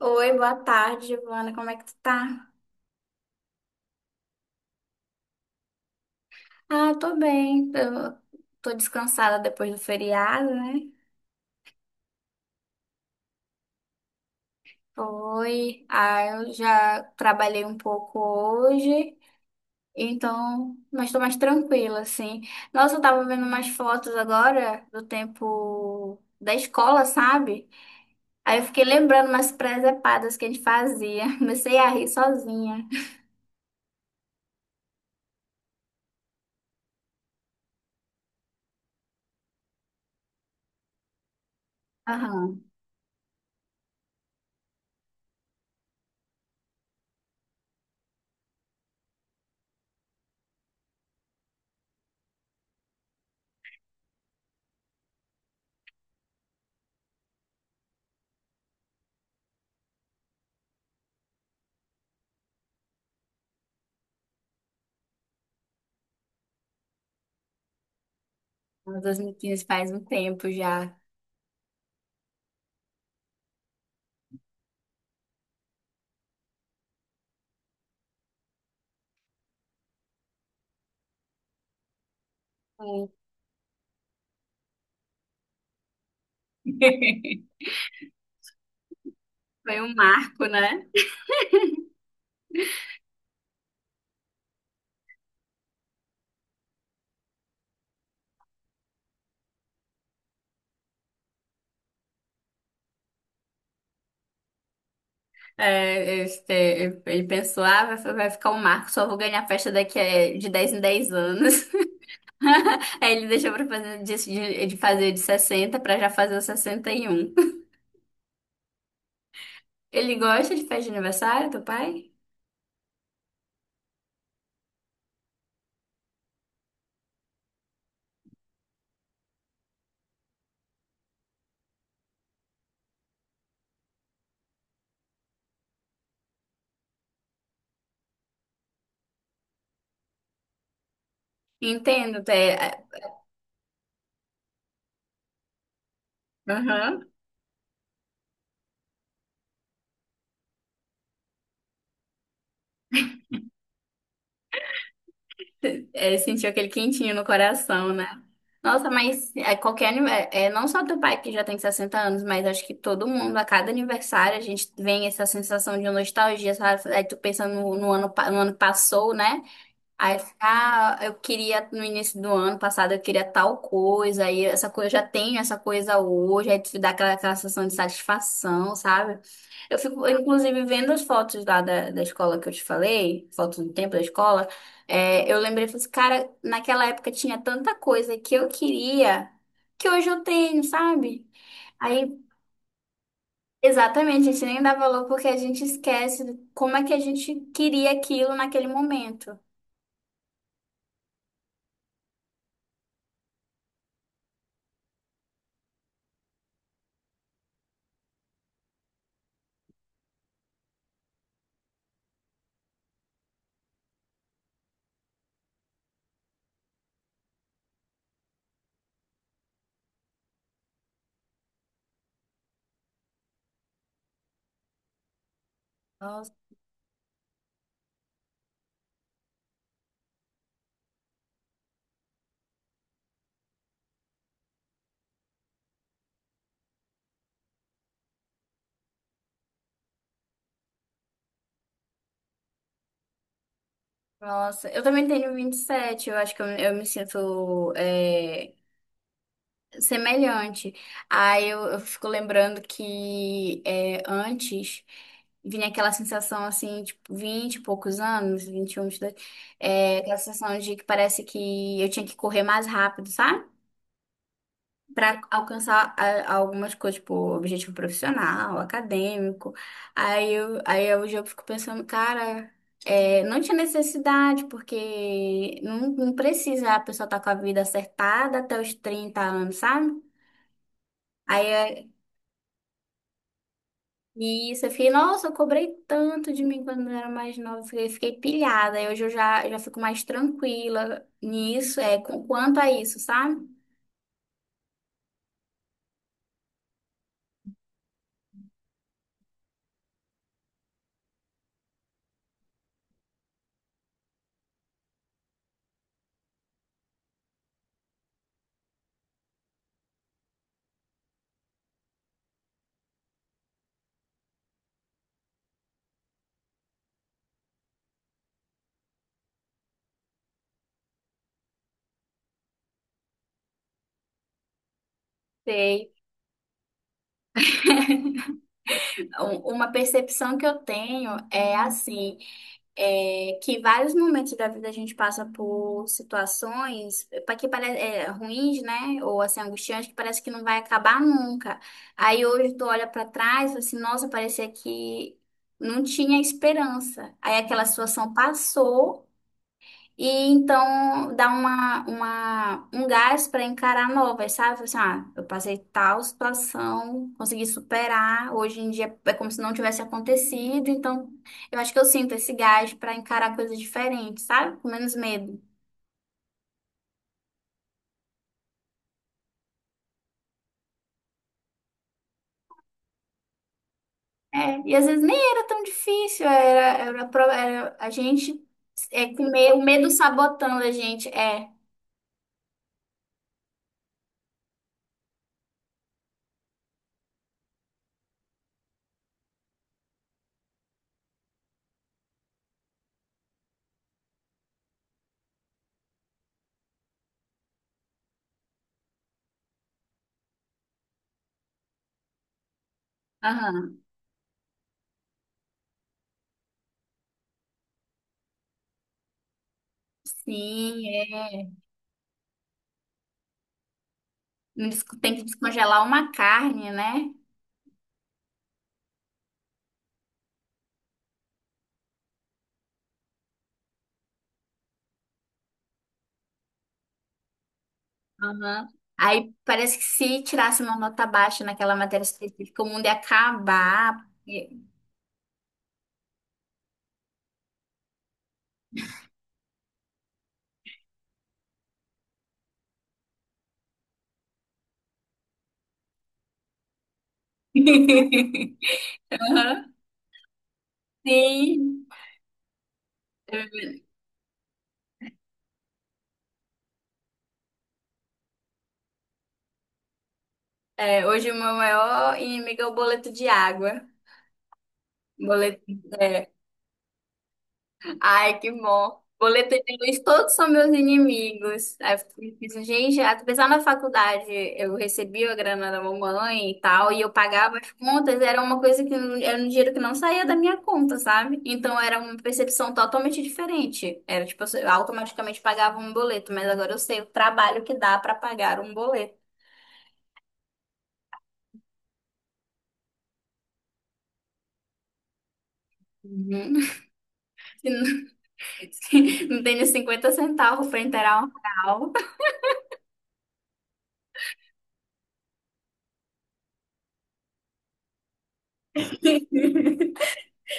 Oi, boa tarde, Giovana. Como é que tu tá? Ah, tô bem. Eu tô descansada depois do feriado, né? Foi. Ah, eu já trabalhei um pouco hoje, então, mas tô mais tranquila, assim. Nossa, eu tava vendo umas fotos agora do tempo da escola, sabe? Aí eu fiquei lembrando umas presepadas que a gente fazia. Comecei a rir sozinha. Aham, 2015 faz um tempo já. Sim. Foi um marco, né? É, este, ele pensou, ah, vai ficar um marco, só vou ganhar festa daqui a, de 10 em 10 anos. Aí ele deixou pra fazer de fazer de 60 pra já fazer os 61. Ele gosta de festa de aniversário do pai? Entendo, aham. É, sentiu aquele quentinho no coração, né? Nossa, mas é, qualquer aniversário, não só teu pai que já tem 60 anos, mas acho que todo mundo, a cada aniversário, a gente vem essa sensação de nostalgia, sabe? Aí tu pensa no ano que passou, né? Aí ficar, eu queria no início do ano passado, eu queria tal coisa, aí essa coisa, eu já tenho essa coisa hoje, aí te dá aquela sensação de satisfação, sabe? Eu fico, inclusive, vendo as fotos lá da escola que eu te falei, fotos do tempo da escola, é, eu lembrei, falei assim, cara, naquela época tinha tanta coisa que eu queria, que hoje eu tenho, sabe? Aí, exatamente, a gente nem dá valor porque a gente esquece como é que a gente queria aquilo naquele momento. Nossa, eu também tenho 27. Eu acho que eu me sinto semelhante. Aí eu fico lembrando que é, antes vinha aquela sensação assim, tipo, 20 e poucos anos, 21, 22. É, aquela sensação de que parece que eu tinha que correr mais rápido, sabe? Para alcançar ah, algumas coisas, tipo, objetivo profissional, acadêmico. Aí hoje eu fico pensando, cara, é, não tinha necessidade, porque não precisa a pessoa estar com a vida acertada até os 30 anos, sabe? Aí é, e isso, eu fiquei, nossa, eu cobrei tanto de mim quando eu era mais nova, fiquei pilhada. Aí hoje eu já fico mais tranquila nisso, é, com, quanto a isso, sabe? Sei. Uma percepção que eu tenho é assim. É, que vários momentos da vida a gente passa por situações para que pare- é, ruins, né? Ou assim, angustiantes, que parece que não vai acabar nunca. Aí hoje tu olha para trás, e fala assim, nossa, parecia que não tinha esperança. Aí aquela situação passou. E então dá um gás para encarar novas, sabe? Fala assim, ah, eu passei tal situação, consegui superar, hoje em dia é como se não tivesse acontecido, então eu acho que eu sinto esse gás para encarar coisas diferentes, sabe? Com menos medo. É, e às vezes nem era tão difícil, era a gente é, com medo, o medo sabotando a gente. É, aham. Sim, é. Não des- Tem que descongelar uma carne, né? Aham. Aí parece que se tirasse uma nota baixa naquela matéria específica, o mundo ia acabar. Aham. Sim. Hoje o meu maior inimigo é o boleto de água. Boleto. É, ai, que bom. Boleto de luz, todos são meus inimigos. Aí eu fico pensando, gente, apesar na faculdade eu recebia a grana da mamãe e tal, e eu pagava as contas, era uma coisa que não- era um dinheiro que não saía da minha conta, sabe? Então era uma percepção totalmente diferente. Era tipo, eu automaticamente pagava um boleto, mas agora eu sei o trabalho que dá pra pagar um boleto. Uhum. Se não tem nem 50 centavos pra inteirar um real.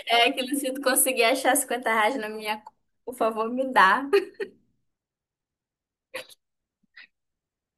É aquilo, se tu conseguir achar 50 reais na minha conta, por favor, me dá.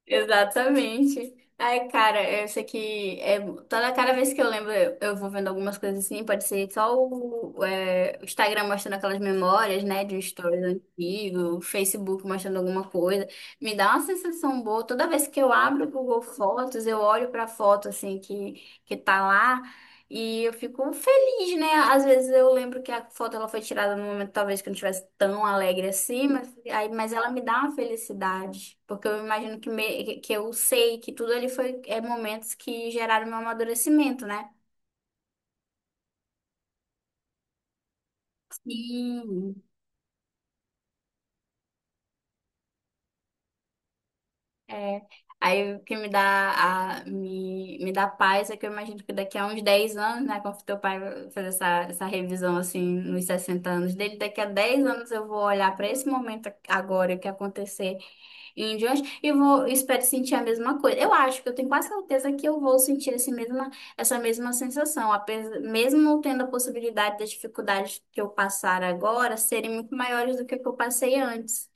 Exatamente. Ai, cara, eu sei que é, toda cada vez que eu lembro, eu vou vendo algumas coisas assim, pode ser só o, é, o Instagram mostrando aquelas memórias, né, de stories antigo, o Facebook mostrando alguma coisa. Me dá uma sensação boa. Toda vez que eu abro o Google Fotos, eu olho pra foto assim que tá lá e eu fico feliz. Depende, né? Às vezes eu lembro que a foto ela foi tirada num momento talvez que eu não estivesse tão alegre assim, mas, aí, mas ela me dá uma felicidade, porque eu imagino que, que eu sei que tudo ali foi é, momentos que geraram meu amadurecimento, né? Sim. É, aí o que me dá a, me dá paz é que eu imagino que daqui a uns 10 anos, né, quando teu pai fazer essa revisão assim nos 60 anos dele, daqui a 10 anos eu vou olhar para esse momento agora o que aconteceu em diante e vou, espero sentir a mesma coisa. Eu acho que eu tenho quase certeza que eu vou sentir essa mesma sensação, apesar, mesmo tendo a possibilidade das dificuldades que eu passar agora serem muito maiores do que o que eu passei antes.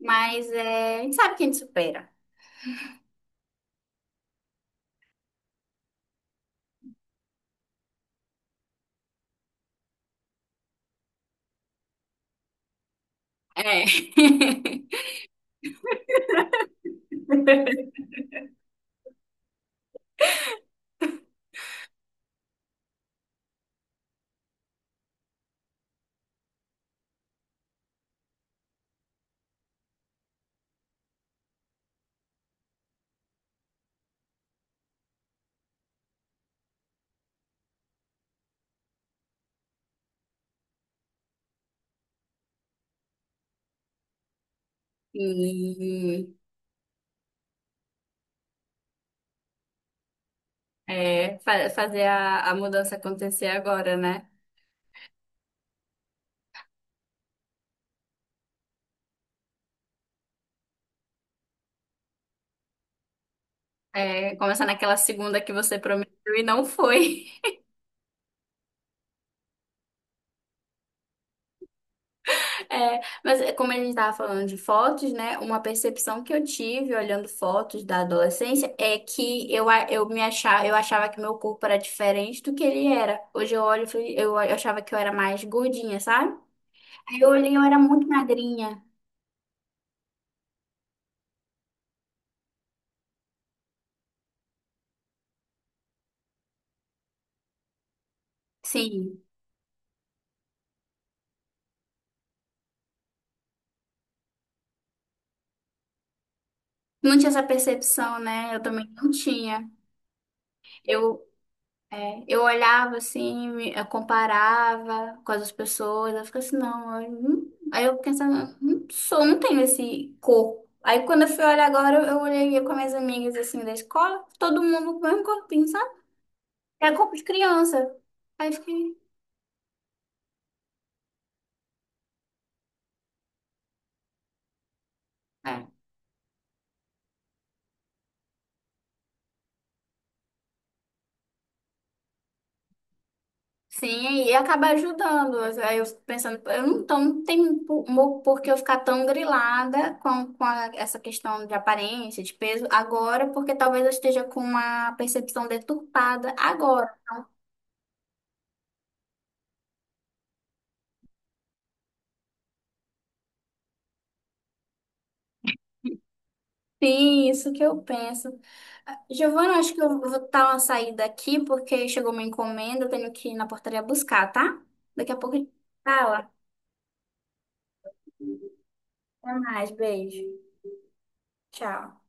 Mas é, a gente sabe que a gente supera. É. E, fazer a mudança acontecer agora, né? É, começar naquela segunda que você prometeu e não foi. É, mas é, como a gente estava falando de fotos, né? Uma percepção que eu tive olhando fotos da adolescência é que eu me achava, eu achava que meu corpo era diferente do que ele era. Hoje eu olho, eu achava que eu era mais gordinha, sabe? Aí eu olhei, eu era muito magrinha. Sim. Não tinha essa percepção, né? Eu também não tinha. Eu É, eu olhava assim, eu comparava com as outras pessoas, eu ficava assim, não, eu não- aí eu pensava, não sou, não tenho esse corpo. Aí quando eu fui olhar agora, eu olhei com as minhas amigas assim da escola, todo mundo com o mesmo corpinho, sabe? Era corpo de criança. Aí eu fiquei, é. Sim, e acaba ajudando. Aí eu fico pensando, eu não, tô, não tem por que eu ficar tão grilada com, essa questão de aparência, de peso, agora, porque talvez eu esteja com uma percepção deturpada agora. Sim, isso que eu penso. Ah, Giovana, acho que eu vou dar uma saída aqui, porque chegou uma encomenda, eu tenho que ir na portaria buscar, tá? Daqui a pouco a gente fala. Até mais, beijo. Tchau.